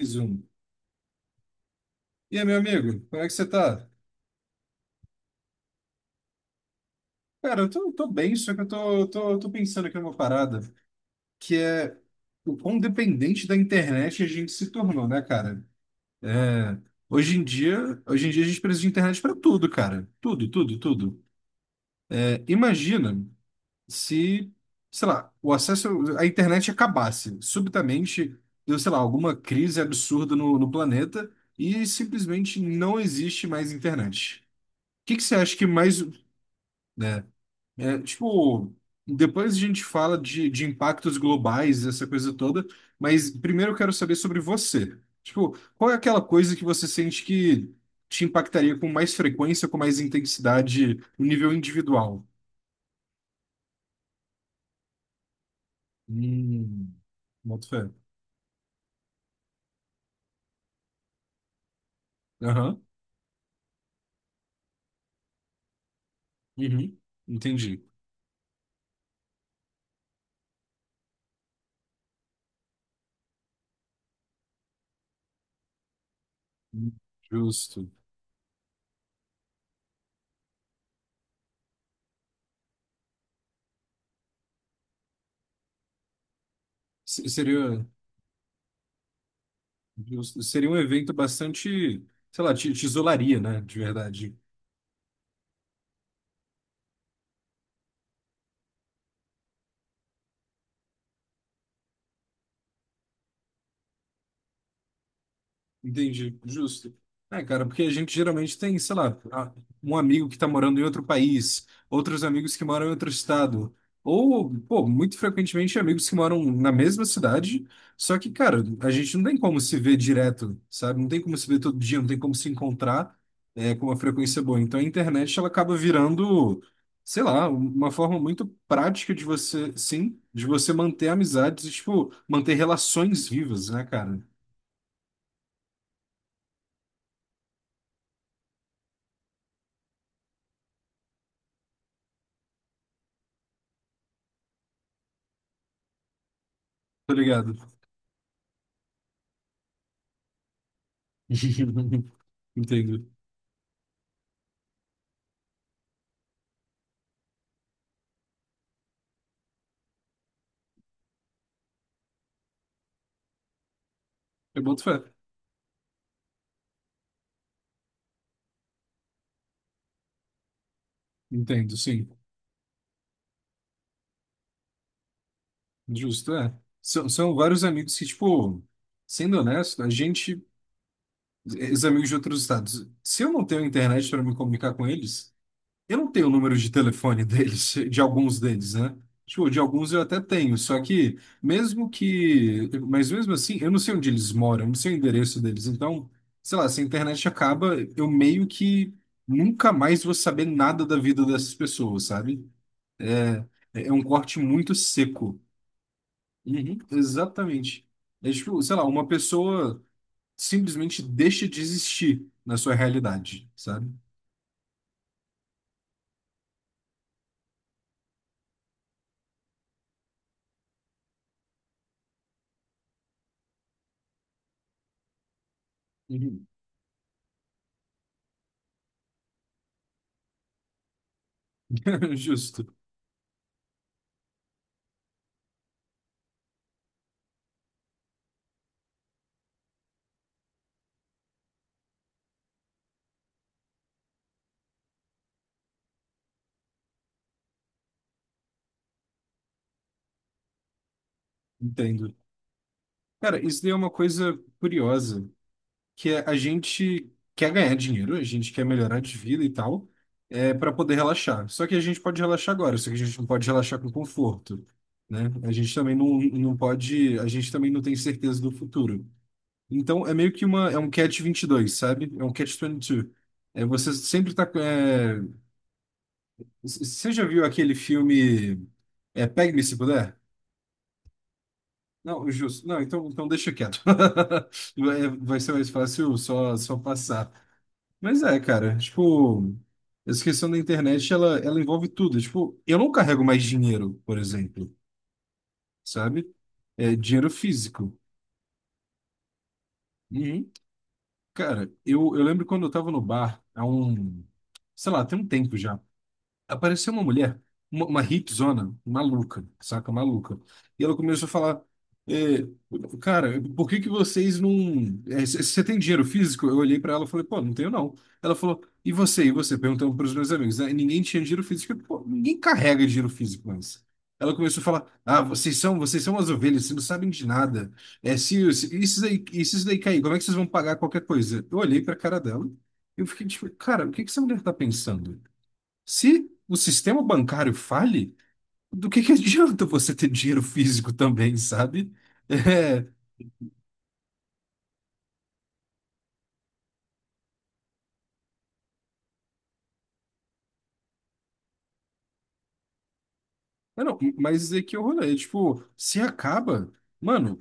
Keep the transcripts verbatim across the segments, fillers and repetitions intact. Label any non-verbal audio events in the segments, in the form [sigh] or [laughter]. Mais um. E aí, meu amigo, como é que você tá? Cara, eu tô, tô bem, só que eu tô, tô, tô pensando aqui numa parada, que é o quão dependente da internet a gente se tornou, né, cara? É, Hoje em dia, hoje em dia a gente precisa de internet pra tudo, cara. Tudo, tudo, tudo. É, imagina se, sei lá, o acesso à internet acabasse subitamente, deu, sei lá, alguma crise absurda no, no planeta e simplesmente não existe mais internet. O que que você acha que mais, né? É, tipo, depois a gente fala de, de impactos globais, essa coisa toda, mas primeiro eu quero saber sobre você. Tipo, qual é aquela coisa que você sente que te impactaria com mais frequência, com mais intensidade, no nível individual? Hum, boto fé. Aham, uhum, entendi. Justo. Se- Seria, justo. Seria um evento bastante, sei lá, te, te isolaria, né? De verdade. Entendi, justo. É, cara, porque a gente geralmente tem, sei lá, a- um amigo que tá morando em outro país, outros amigos que moram em outro estado, ou, pô, muito frequentemente amigos que moram na mesma cidade, só que, cara, a gente não tem como se ver direto, sabe? Não tem como se ver todo dia, não tem como se encontrar, é, com uma frequência boa. Então a internet, ela acaba virando, sei lá, uma forma muito prática de você, sim, de você manter amizades e, tipo, manter relações vivas, né, cara? Tá ligado? [laughs] Entendo. Eu boto fé. Entendo, sim. Justo, é. São, são vários amigos que, tipo, sendo honesto, a gente, os amigos de outros estados, se eu não tenho internet para me comunicar com eles, eu não tenho o número de telefone [laughs] deles, de alguns deles, né? Tipo, de alguns eu até tenho, só que mesmo que, mas mesmo assim, eu não sei onde eles moram, eu não sei o endereço deles. Então, sei lá, se a internet acaba, eu meio que nunca mais vou saber nada da vida dessas pessoas, sabe? É, é um corte muito seco. Uhum. Exatamente. É tipo, sei lá, uma pessoa simplesmente deixa de existir na sua realidade, sabe? Uhum. [laughs] Justo, entendo. Cara, isso daí é uma coisa curiosa, que é a gente quer ganhar dinheiro, a gente quer melhorar de vida e tal, é para poder relaxar. Só que a gente pode relaxar agora, só que a gente não pode relaxar com conforto, né? A gente também não, não pode, a gente também não tem certeza do futuro. Então é meio que uma, é um catch vinte e dois sabe? É um catch vinte e dois. É, você sempre tá, com- é, c- você já viu aquele filme é, Pegue-me se puder? Não, justo. Não, então, então deixa quieto. [laughs] Vai, vai ser mais fácil só, só passar. Mas é, cara, tipo, essa questão da internet, ela, ela envolve tudo. Tipo, eu não carrego mais dinheiro, por exemplo, sabe? É dinheiro físico. Uhum. Cara, eu, eu lembro quando eu tava no bar, há um, sei lá, tem um tempo já. Apareceu uma mulher, uma, uma hipzona, maluca, saca? Maluca. E ela começou a falar: é, Cara, por que que vocês não. É, c- Você tem dinheiro físico? Eu olhei pra ela e falei: Pô, não tenho não. Ela falou: E você? E você? Perguntando pros meus amigos. Aí ninguém tinha dinheiro físico. Pô, ninguém carrega dinheiro físico mais. Ela começou a falar: Ah, vocês são, vocês são as ovelhas, vocês não sabem de nada. É, se, se, isso daí, isso daí cair, como é que vocês vão pagar qualquer coisa? Eu olhei pra cara dela e eu fiquei tipo: Cara, o que que essa mulher tá pensando? Se o sistema bancário fale, do que que [laughs] adianta você ter dinheiro físico também, sabe? É, é, não, mas é que é o rolê, tipo, se acaba, mano,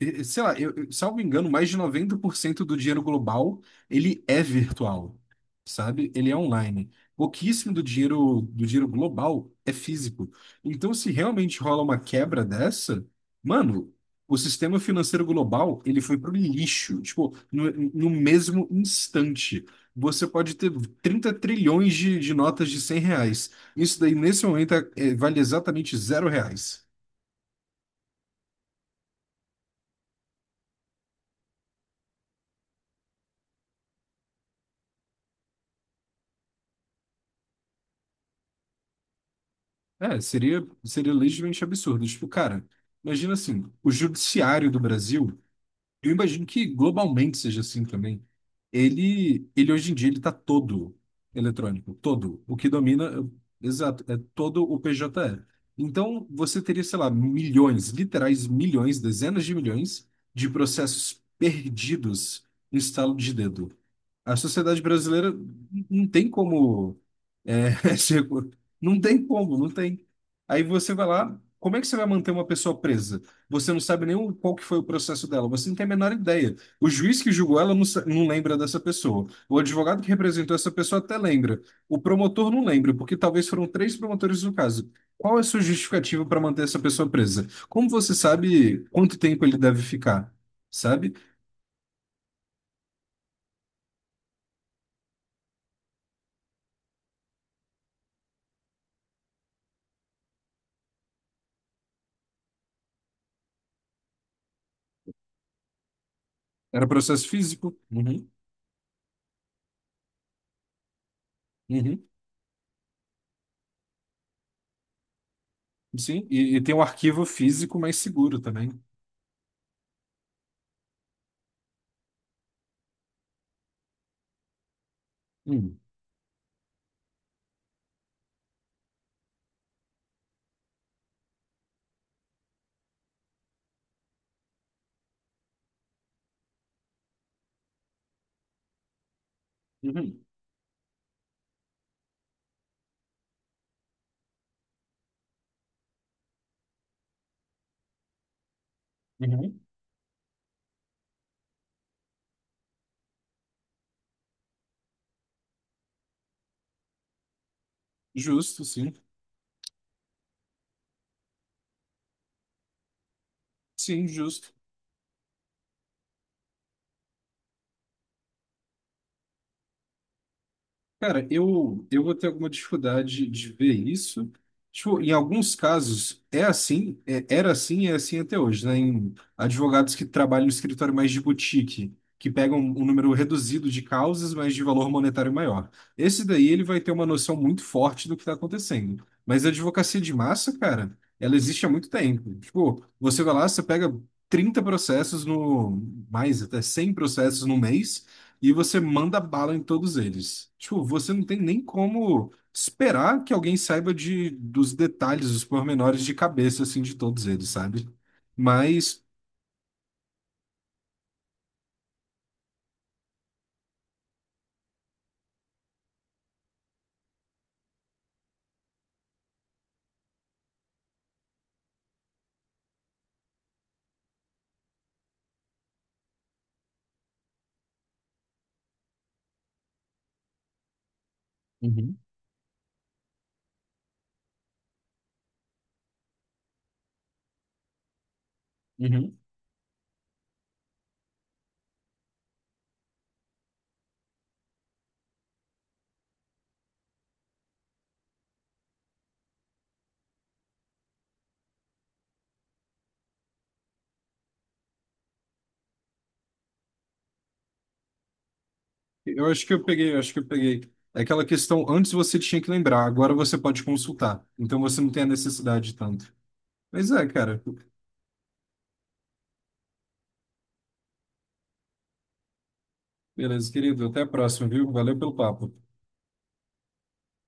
eh, sei lá, eu, eu- salvo engano, mais de noventa por cento do dinheiro global, ele é virtual, sabe? Ele é online. Pouquíssimo do dinheiro, do dinheiro global é físico. Então, se realmente rola uma quebra dessa, mano, o sistema financeiro global, ele foi pro lixo. Tipo, no, no mesmo instante. Você pode ter trinta trilhões de, de notas de cem reais. Isso daí, nesse momento, é- é- vale exatamente zero reais. É, seria, seria legitimamente absurdo. Tipo, cara, imagina assim, o judiciário do Brasil. Eu imagino que globalmente seja assim também. Ele, ele hoje em dia ele está todo eletrônico, todo. O que domina, exato, é todo o P J E. Então você teria, sei lá, milhões, literais milhões, dezenas de milhões de processos perdidos no estalo de dedo. A sociedade brasileira n- não tem como, é, [laughs] se- não tem como, não tem. Aí você vai lá, como é que você vai manter uma pessoa presa? Você não sabe nem o- qual que foi o processo dela, você não tem a menor ideia. O juiz que julgou ela não, sa- não lembra dessa pessoa. O advogado que representou essa pessoa até lembra. O promotor não lembra, porque talvez foram três promotores no caso. Qual é a sua justificativa para manter essa pessoa presa? Como você sabe quanto tempo ele deve ficar? Sabe? Era processo físico. Uhum, uhum, sim. E, e tem um arquivo físico mais seguro também. Hum, uhum, uhum. Justo, sim. Sim, justo. Cara, eu, eu vou ter alguma dificuldade de ver isso. Tipo, em alguns casos é assim, é- era assim e é assim até hoje, né? Em advogados que trabalham no escritório mais de boutique, que pegam um número reduzido de causas, mas de valor monetário maior. Esse daí ele vai ter uma noção muito forte do que está acontecendo. Mas a advocacia de massa, cara, ela existe há muito tempo. Tipo, você vai lá, você pega trinta processos no, mais até cem processos no mês e você manda bala em todos eles. Tipo, você não tem nem como esperar que alguém saiba de, dos detalhes, dos pormenores de cabeça, assim, de todos eles, sabe? Mas uhum, uhum. Eu acho que eu peguei, eu acho que eu peguei. É aquela questão, antes você tinha que lembrar, agora você pode consultar. Então você não tem a necessidade tanto. Mas é, cara. Beleza, querido. Até a próxima, viu? Valeu pelo papo.